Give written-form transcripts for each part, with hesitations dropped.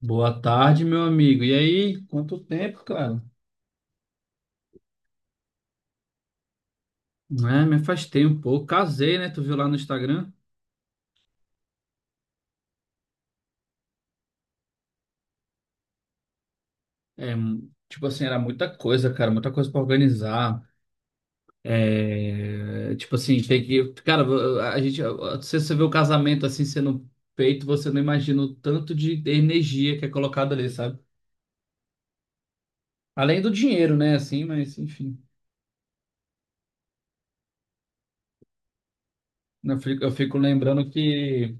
Boa tarde, meu amigo. E aí, quanto tempo, cara? Né, me afastei um pouco. Casei, né? Tu viu lá no Instagram? É, tipo assim, era muita coisa, cara, muita coisa pra organizar. É, tipo assim, tem que. Cara, a gente. Se você vê o casamento assim sendo feito, você não imagina o tanto de energia que é colocado ali, sabe? Além do dinheiro, né? Assim, mas enfim. Eu fico lembrando que.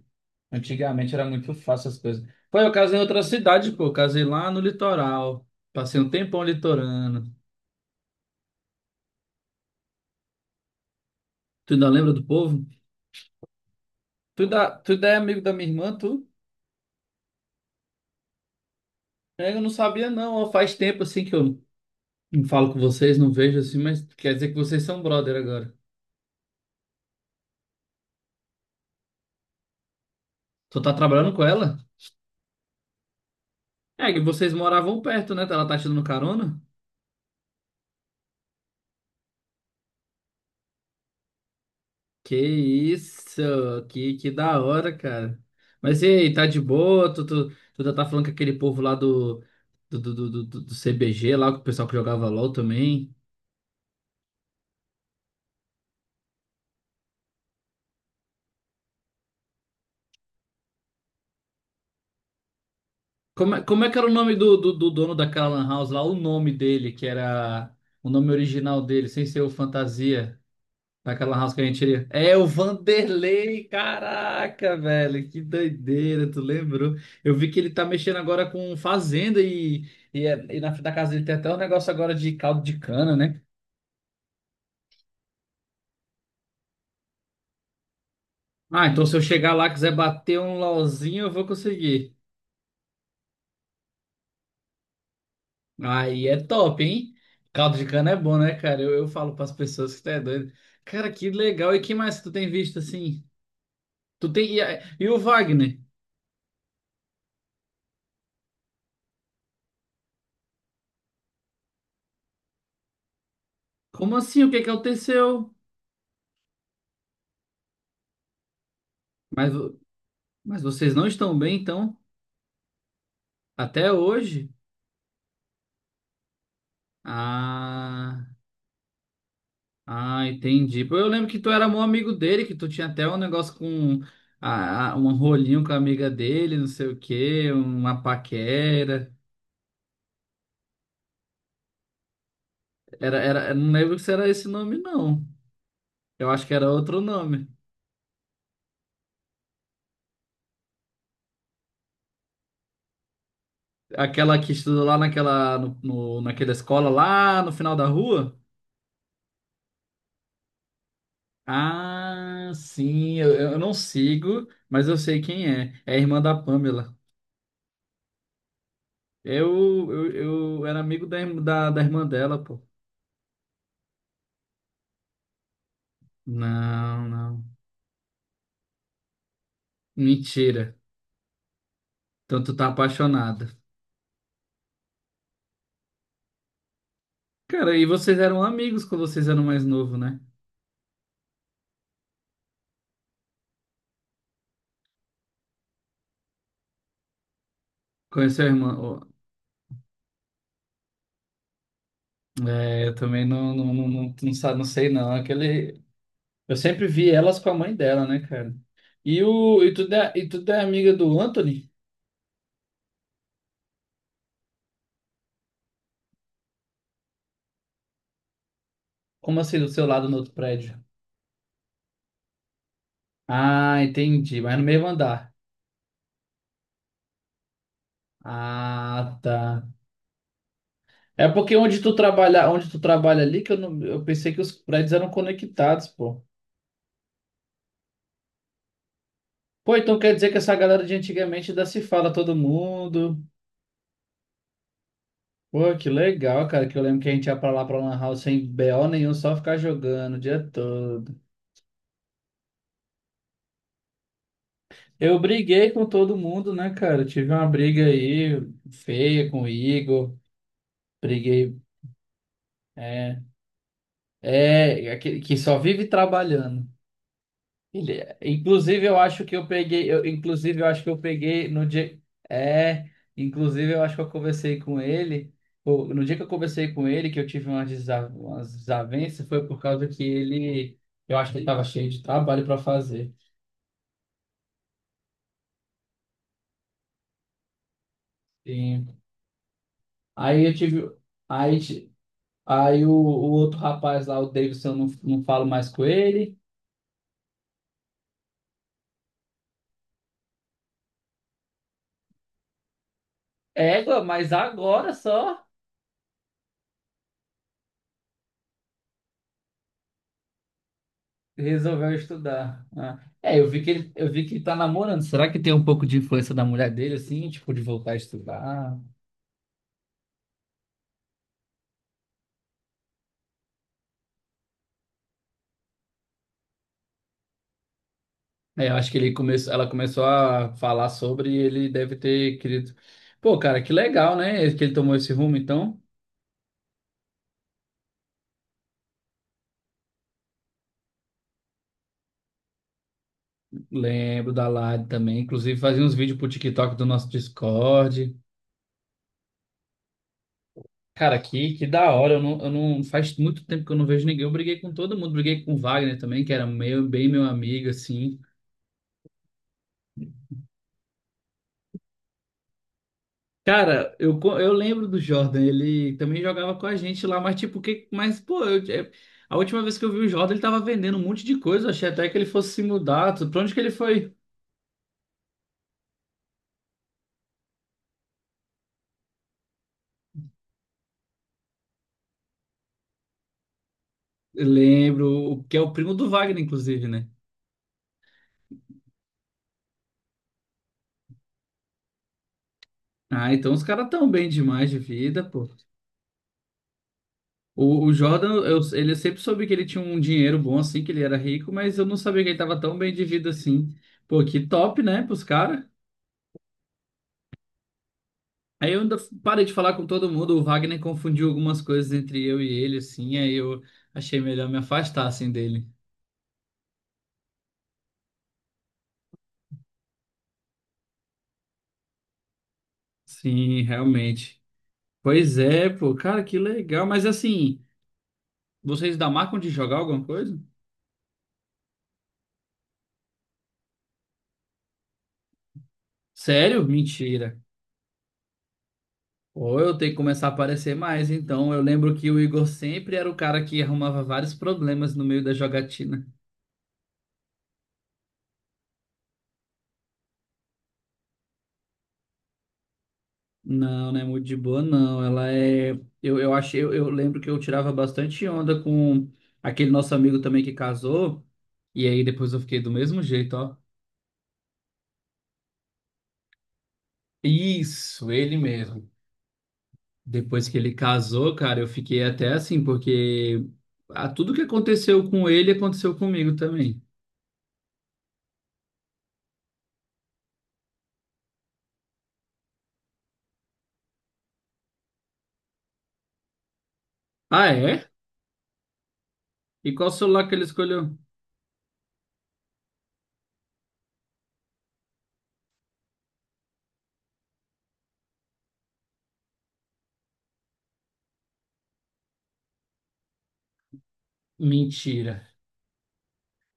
Antigamente era muito fácil as coisas. Pô, eu casei em outra cidade, pô. Eu casei lá no litoral. Passei um tempão litorano. Tu ainda lembra do povo? Tu ainda é amigo da minha irmã, tu? É, eu não sabia, não. Ó, faz tempo assim que eu não falo com vocês, não vejo assim, mas quer dizer que vocês são brother agora. Tu tá trabalhando com ela? É, que vocês moravam perto, né? Ela tá te dando carona? Que isso, que da hora, cara. Mas e aí, tá de boa? Tu já tá falando com aquele povo lá do CBG, lá, com o pessoal que jogava LOL também. Como, como é que era o nome do dono daquela lan house lá? O nome dele, que era o nome original dele, sem ser o Fantasia. Naquela house que a gente iria. É o Vanderlei, caraca, velho, que doideira, tu lembrou? Eu vi que ele tá mexendo agora com fazenda e na frente da casa dele tem até um negócio agora de caldo de cana, né? Ah, então se eu chegar lá e quiser bater um LOLzinho, eu vou conseguir. Aí é top, hein? Caldo de cana é bom, né, cara? Eu falo pras pessoas que tu é doido. Cara, que legal. E que mais que tu tem visto assim? Tu tem. E o Wagner? Como assim? O que é que aconteceu? Mas, vo- mas vocês não estão bem, então? Até hoje? Ah, ah, entendi. Pô, eu lembro que tu era meu amigo dele, que tu tinha até um negócio com um rolinho com a amiga dele, não sei o quê, uma paquera. Era, era, eu não lembro se era esse nome, não. Eu acho que era outro nome. Aquela que estudou lá naquela, naquela escola lá no final da rua? Ah, sim, eu não sigo, mas eu sei quem é. É a irmã da Pamela. Eu, eu, eu era amigo da irmã dela, pô. Não, não. Mentira. Então tu tá apaixonada. Cara, e vocês eram amigos quando vocês eram mais novos, né? Conheceu a irmã? Ó, é, eu também não sei, não. Aquele. Eu sempre vi elas com a mãe dela, né, cara? E tu é amiga do Anthony? Como assim, do seu lado no outro prédio? Ah, entendi. Mas no mesmo andar. Ah, tá. É porque onde tu trabalha ali, que eu, não, eu pensei que os prédios eram conectados, pô. Pô, então quer dizer que essa galera de antigamente ainda se fala todo mundo. Pô, que legal, cara, que eu lembro que a gente ia pra lá pra Lan House sem BO nenhum, só ficar jogando o dia todo. Eu briguei com todo mundo, né, cara? Eu tive uma briga aí feia com o Igor. Briguei, é, é, aquele que só vive trabalhando. Inclusive, eu acho que eu peguei. Eu, inclusive, eu acho que eu peguei no dia. É, inclusive, eu acho que eu conversei com ele. Pô, no dia que eu conversei com ele, que eu tive umas desavenças, foi por causa que ele. Eu acho que ele estava cheio de trabalho para fazer. E aí eu tive. Aí, ti- aí o outro rapaz lá, o Davidson, eu não, não falo mais com ele. É, mas agora só. Resolveu estudar. Ah. É, eu vi que ele, eu vi que ele tá namorando. Será que tem um pouco de influência da mulher dele, assim, tipo, de voltar a estudar? É, eu acho que ele começou, ela começou a falar sobre e ele deve ter querido. Pô, cara, que legal, né? Que ele tomou esse rumo, então. Lembro da Lari também. Inclusive, fazia uns vídeos pro TikTok do nosso Discord. Cara, que da hora. Eu não, faz muito tempo que eu não vejo ninguém. Eu briguei com todo mundo. Briguei com o Wagner também, que era meu, bem meu amigo, assim. Cara, eu lembro do Jordan, ele também jogava com a gente lá, mas tipo, que, mas pô, a última vez que eu vi o Jordan, ele tava vendendo um monte de coisa, eu achei até que ele fosse se mudar, pra onde que ele foi? Eu lembro, o que é o primo do Wagner, inclusive, né? Ah, então os caras tão bem demais de vida, pô. O Jordan, eu, ele eu sempre soube que ele tinha um dinheiro bom assim, que ele era rico, mas eu não sabia que ele tava tão bem de vida assim. Pô, que top, né, pros caras? Aí eu ainda parei de falar com todo mundo, o Wagner confundiu algumas coisas entre eu e ele, assim, aí eu achei melhor me afastar, assim, dele. Sim, realmente. Pois é, pô, cara, que legal. Mas assim, vocês da marcam de jogar alguma coisa? Sério? Mentira. Ou eu tenho que começar a aparecer mais, então. Eu lembro que o Igor sempre era o cara que arrumava vários problemas no meio da jogatina. Não, não é muito de boa, não. Ela é. Eu lembro que eu tirava bastante onda com aquele nosso amigo também que casou. E aí depois eu fiquei do mesmo jeito, ó. Isso, ele mesmo. Depois que ele casou, cara, eu fiquei até assim, porque ah, tudo que aconteceu com ele aconteceu comigo também. Ah, é? E qual celular que ele escolheu? Mentira.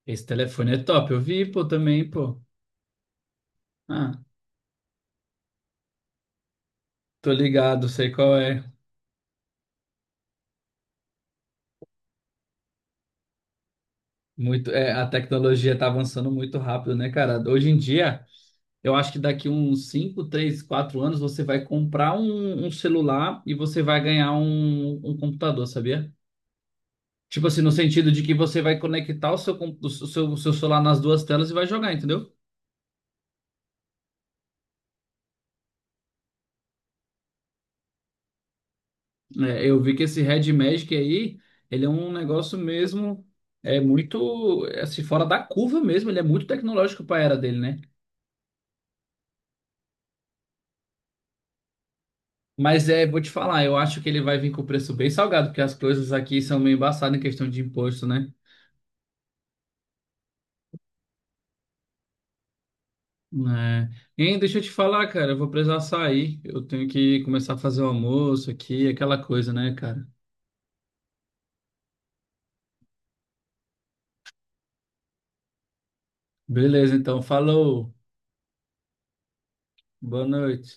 Esse telefone é top, eu vi, pô, também, pô. Ah, tô ligado, sei qual é. Muito, é, a tecnologia está avançando muito rápido, né, cara? Hoje em dia, eu acho que daqui uns 5 3 4 anos você vai comprar um celular e você vai ganhar um computador, sabia? Tipo assim, no sentido de que você vai conectar o seu, o seu celular nas duas telas e vai jogar, entendeu? É, eu vi que esse Red Magic aí, ele é um negócio mesmo, é muito, é, assim, fora da curva mesmo, ele é muito tecnológico para a era dele, né? Mas é, vou te falar, eu acho que ele vai vir com o preço bem salgado, porque as coisas aqui são meio embaçadas em questão de imposto, né? É. Hein, deixa eu te falar, cara, eu vou precisar sair. Eu tenho que começar a fazer o almoço aqui, aquela coisa, né, cara? Beleza, então, falou. Boa noite.